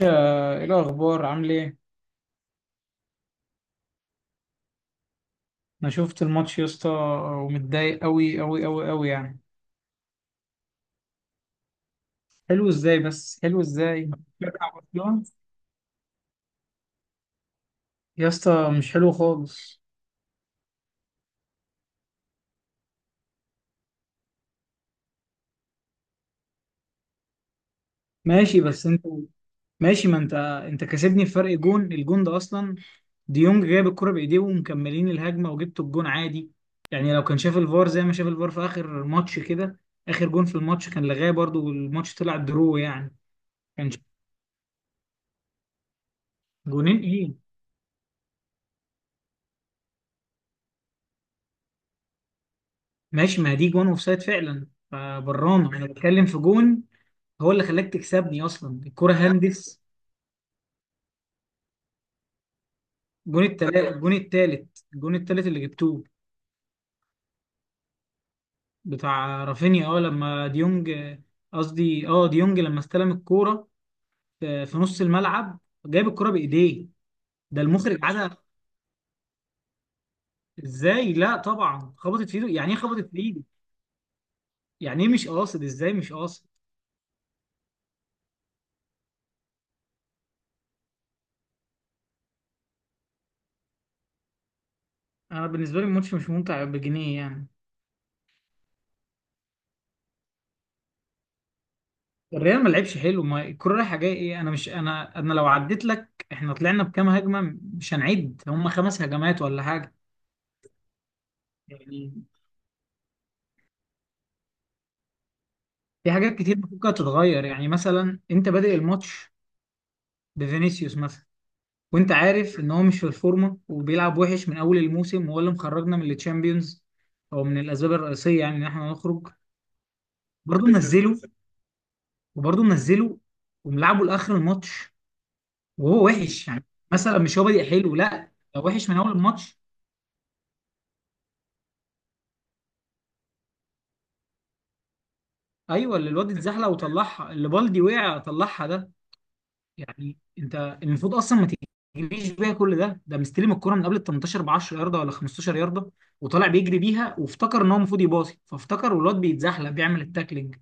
ايه الاخبار، عامل ايه؟ انا شفت الماتش يا اسطى، ومتضايق قوي قوي قوي قوي يعني. حلو ازاي؟ بس حلو ازاي؟ بشجع برشلونة يا اسطى، مش حلو خالص. ماشي بس انت، ماشي ما انت كسبني بفرق جون. الجون ده اصلا ديونج جايب الكرة بايديه ومكملين الهجمة وجبت الجون عادي، يعني لو كان شاف الفار زي ما شاف الفار في اخر ماتش كده، اخر جون في الماتش كان لغاه برضو والماتش طلع درو يعني. كان جونين ايه؟ ماشي، ما دي جون اوف سايد فعلا، فبرانه انا بتكلم في جون. هو اللي خلاك تكسبني اصلا الكرة هندس. الجون التالت اللي جبتوه بتاع رافينيا. اه لما ديونج، قصدي اه ديونج لما استلم الكورة في نص الملعب، جايب الكورة بايديه ده المخرج عادها. ازاي؟ لا طبعا خبطت في ايده، يعني ايه خبطت في ايده؟ يعني ايه مش قاصد؟ ازاي مش قاصد؟ انا بالنسبة لي الماتش مش ممتع بجنيه يعني. الريال ما لعبش حلو، ما الكرة رايحة جاية ايه، انا مش، انا لو عديت لك احنا طلعنا بكام هجمة، مش هنعد هم خمس هجمات ولا حاجة. يعني في حاجات كتير ممكن تتغير، يعني مثلا انت بادئ الماتش بفينيسيوس مثلا، وانت عارف ان هو مش في الفورمة وبيلعب وحش من اول الموسم، وهو اللي مخرجنا من التشامبيونز او من الاسباب الرئيسية يعني ان احنا نخرج. برضه منزله، وبرضه منزله وملعبه لاخر الماتش، وهو وحش يعني. مثلا مش هو بادئ حلو، لا ده وحش من اول الماتش. ايوه اللي الواد اتزحلق وطلعها، اللي بالدي وقع طلعها ده. يعني انت المفروض اصلا ما تجريش بيها كل ده، ده مستلم الكرة من قبل ال 18 ب 10 ياردة ولا 15 ياردة، وطالع بيجري بيها وافتكر ان هو المفروض يباصي، فافتكر والواد بيتزحلق بيعمل التاكلينج.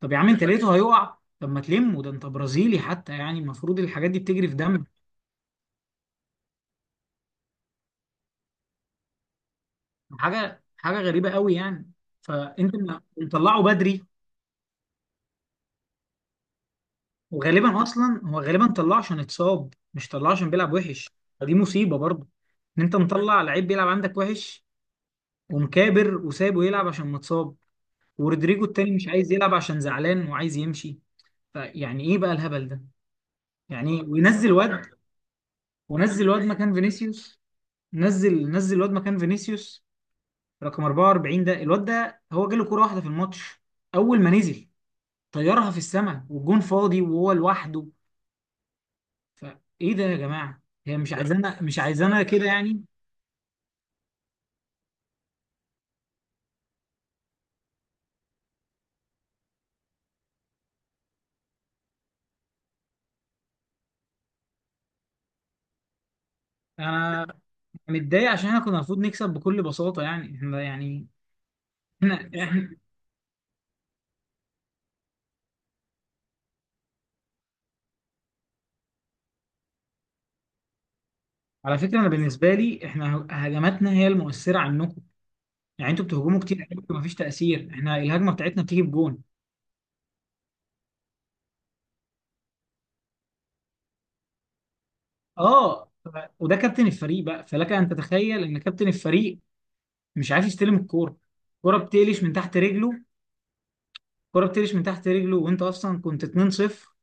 طب يا عم انت لقيته هيقع، طب ما تلمه، ده انت برازيلي حتى، يعني المفروض الحاجات دي بتجري في دمك. حاجه حاجه غريبه قوي يعني. فانت مطلعه بدري، وغالبا اصلا هو غالبا طلعه عشان اتصاب، مش طلعه عشان بيلعب وحش. فدي مصيبه برضه، ان انت مطلع لعيب بيلعب عندك وحش ومكابر وسابه يلعب عشان متصاب. ورودريجو التاني مش عايز يلعب عشان زعلان وعايز يمشي. فيعني ايه بقى الهبل ده؟ يعني إيه؟ وينزل واد، ونزل واد مكان فينيسيوس، نزل واد مكان فينيسيوس رقم 44. ده الواد ده هو جاله كرة واحدة في الماتش، اول ما نزل طيرها في السماء والجون فاضي وهو لوحده. فايه ده يا جماعه؟ هي مش عايزانا، مش عايزانا كده يعني. انا متضايق عشان احنا كنا المفروض نكسب بكل بساطه يعني. احنا يعني احنا. على فكره انا بالنسبه لي احنا هجماتنا هي المؤثره عنكم، يعني انتوا بتهجموا كتير قوي ومفيش تاثير، احنا الهجمه بتاعتنا بتيجي بجون. اه وده كابتن الفريق بقى، فلك ان تتخيل ان كابتن الفريق مش عارف يستلم الكوره. الكوره بتقلش من تحت رجله، الكوره بتقلش من تحت رجله وانت اصلا كنت 2-0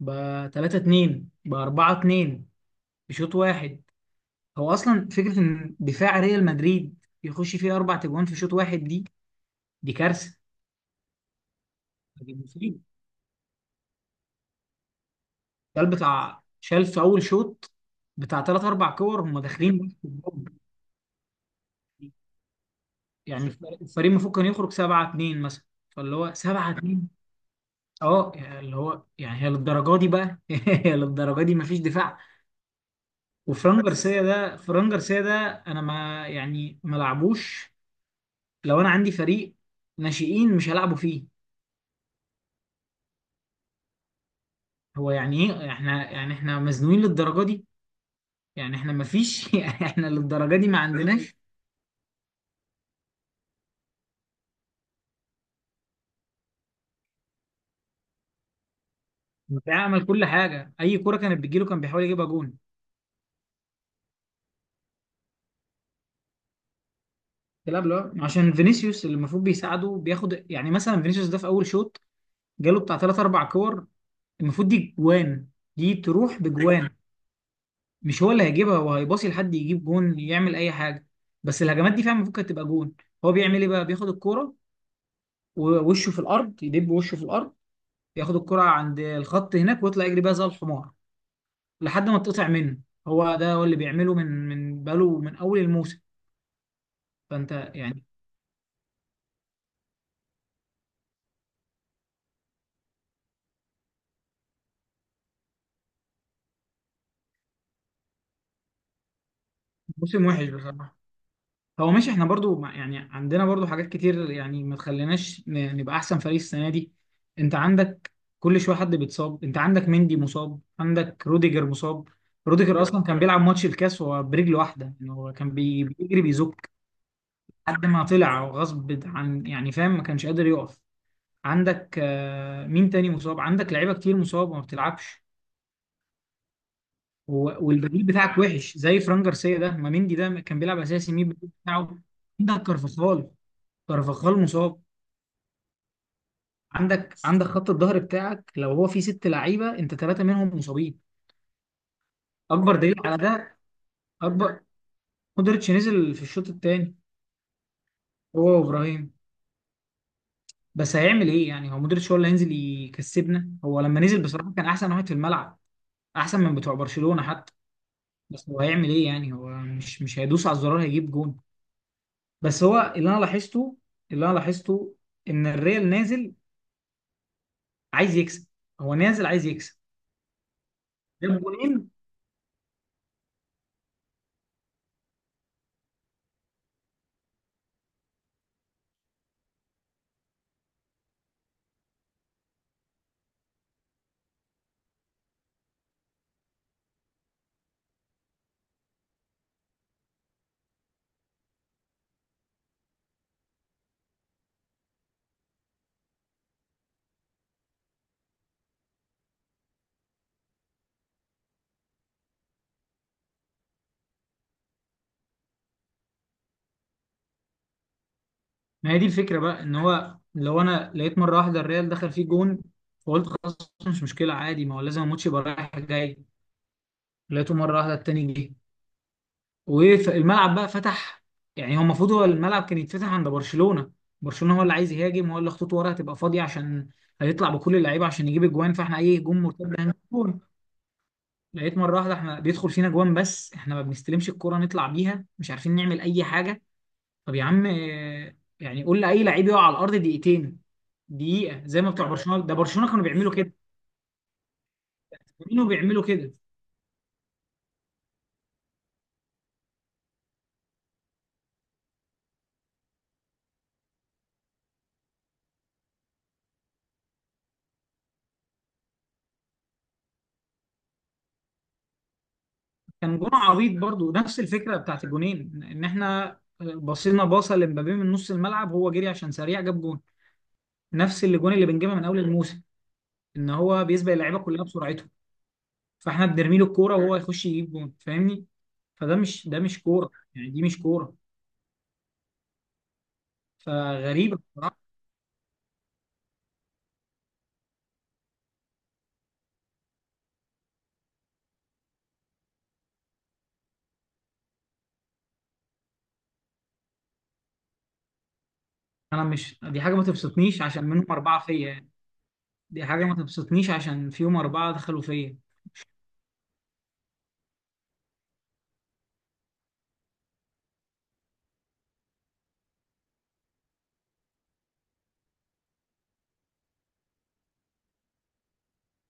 ب 3-2 ب 4-2 بشوط واحد. هو اصلا فكره ان دفاع ريال مدريد يخش فيه اربع تجوان في شوط واحد، دي كارثه، دي مصيبه. الريال بتاع شال في اول شوط، بتاع ثلاث اربع كور هم داخلين بس في الجون. يعني الفريق المفروض كان يخرج 7-2 مثلا، فاللي هو 7-2. اه يعني اللي هو يعني، هي للدرجه دي بقى؟ هي للدرجه دي مفيش دفاع. وفران جارسيا ده، فران جارسيا ده انا ما يعني ما لعبوش. لو انا عندي فريق ناشئين مش هلعبه فيه. هو يعني ايه، احنا يعني احنا مزنوقين للدرجه دي؟ يعني احنا ما فيش يعني احنا للدرجه دي ما عندناش دفاع. عمل كل حاجه، اي كره كانت بتجيله كان بيحاول يجيبها جون. تلعب له عشان فينيسيوس اللي المفروض بيساعده بياخد، يعني مثلا فينيسيوس ده في اول شوط جاله بتاع ثلاث اربع كور، المفروض دي جوان، دي تروح بجوان. مش هو اللي هيجيبها، هو هيباصي لحد يجيب جون، يعمل اي حاجه، بس الهجمات دي فعلا المفروض كانت تبقى جون. هو بيعمل ايه بقى؟ بياخد الكوره ووشه في الارض، يدب وشه في الارض، ياخد الكرة عند الخط هناك ويطلع يجري بيها زي الحمار لحد ما تقطع منه. هو ده هو اللي بيعمله من بقاله من اول الموسم. فانت يعني. موسم وحش بصراحه. هو ماشي احنا برضو يعني عندنا برضو حاجات كتير، يعني ما تخليناش نبقى احسن فريق السنه دي. انت عندك كل شويه حد بيتصاب، انت عندك مندي مصاب، عندك روديجر مصاب. روديجر اصلا كان بيلعب ماتش الكاس وهو برجل واحده، يعني هو كان بيجري بيزك لحد ما طلع غصب عن، يعني فاهم ما كانش قادر يقف. عندك آه، مين تاني مصاب؟ عندك لعيبه كتير مصاب وما بتلعبش. هو والبديل بتاعك وحش زي فران جارسيا ده، ما مندي ده كان بيلعب اساسي، مين البديل بتاعه؟ عندك كارفاخال، كارفاخال مصاب. عندك خط الظهر بتاعك لو هو فيه ست لعيبه انت ثلاثه منهم مصابين. اكبر دليل على ده، اكبر. مودريتش نزل في الشوط الثاني هو وابراهيم، بس هيعمل ايه يعني؟ هو مودريتش هو اللي هينزل يكسبنا؟ هو لما نزل بصراحه كان احسن واحد في الملعب، احسن من بتوع برشلونه حتى. بس هو هيعمل ايه يعني، هو مش هيدوس على الزرار هيجيب جون. بس هو اللي انا لاحظته، اللي انا لاحظته ان الريال نازل عايز يكسب، هو نازل عايز يكسب، جاب جونين. ما هي دي الفكره بقى، ان هو لو انا لقيت مره واحده الريال دخل فيه جون فقلت خلاص، مش مشكله عادي، ما هو لازم الماتش يبقى رايح جاي. لقيته مره واحده التاني جه، والملعب بقى فتح. يعني هو المفروض هو الملعب كان يتفتح عند برشلونه، برشلونه هو اللي عايز يهاجم، هو اللي خطوط ورا هتبقى فاضيه عشان هيطلع بكل اللعيبه عشان يجيب اجوان، فاحنا اي هجوم مرتد هنجيب جون. لقيت مره واحده احنا بيدخل فينا جوان، بس احنا ما بنستلمش الكره نطلع بيها مش عارفين نعمل اي حاجه. طب يا عم آه، يعني قول لاي لعيب يقع على الارض دقيقتين، دقيقه، زي ما بتوع برشلونه، ده برشلونه كانوا بيعملوا كده، كانوا بيعملوا كده. كان جون عبيط برضو، نفس الفكره بتاعت الجونين ان احنا بصينا باصه لمبابي من نص الملعب، هو جري عشان سريع جاب جون. نفس الجون اللي بنجيبها من اول الموسم، ان هو بيسبق اللعيبه كلها بسرعته، فاحنا بنرمي له الكوره وهو يخش يجيب جون فاهمني. فده مش، ده مش كوره، يعني دي مش كوره، فغريبة بصراحة. أنا مش، دي حاجة ما تبسطنيش عشان منهم أربعة فيا يعني، دي حاجة ما تبسطنيش عشان فيهم أربعة دخلوا فيا.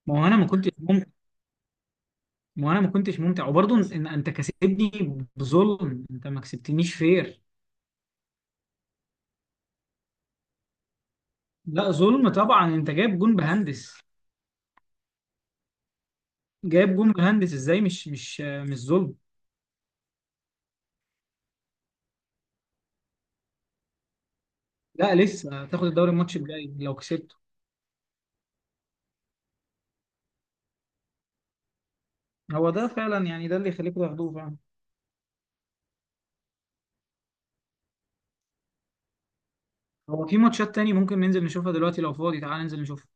ما هو أنا ما كنتش ممتع، ما هو أنا ما كنتش ممتع وبرضه إن أنت كسبني بظلم، أنت ما كسبتنيش فير. لا ظلم طبعا، أنت جايب جون بهندس، جايب جون بهندس إزاي؟ مش ظلم؟ لا لسه تاخد الدوري، الماتش الجاي لو كسبته. هو ده فعلا يعني، ده اللي يخليكم تاخدوه فعلا. هو في ماتشات تاني ممكن ننزل نشوفها دلوقتي، لو فاضي تعال ننزل نشوفها،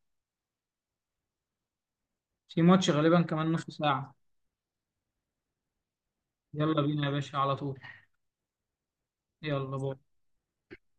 في ماتش غالبا كمان نص ساعة. يلا بينا يا باشا على طول. يلا باي.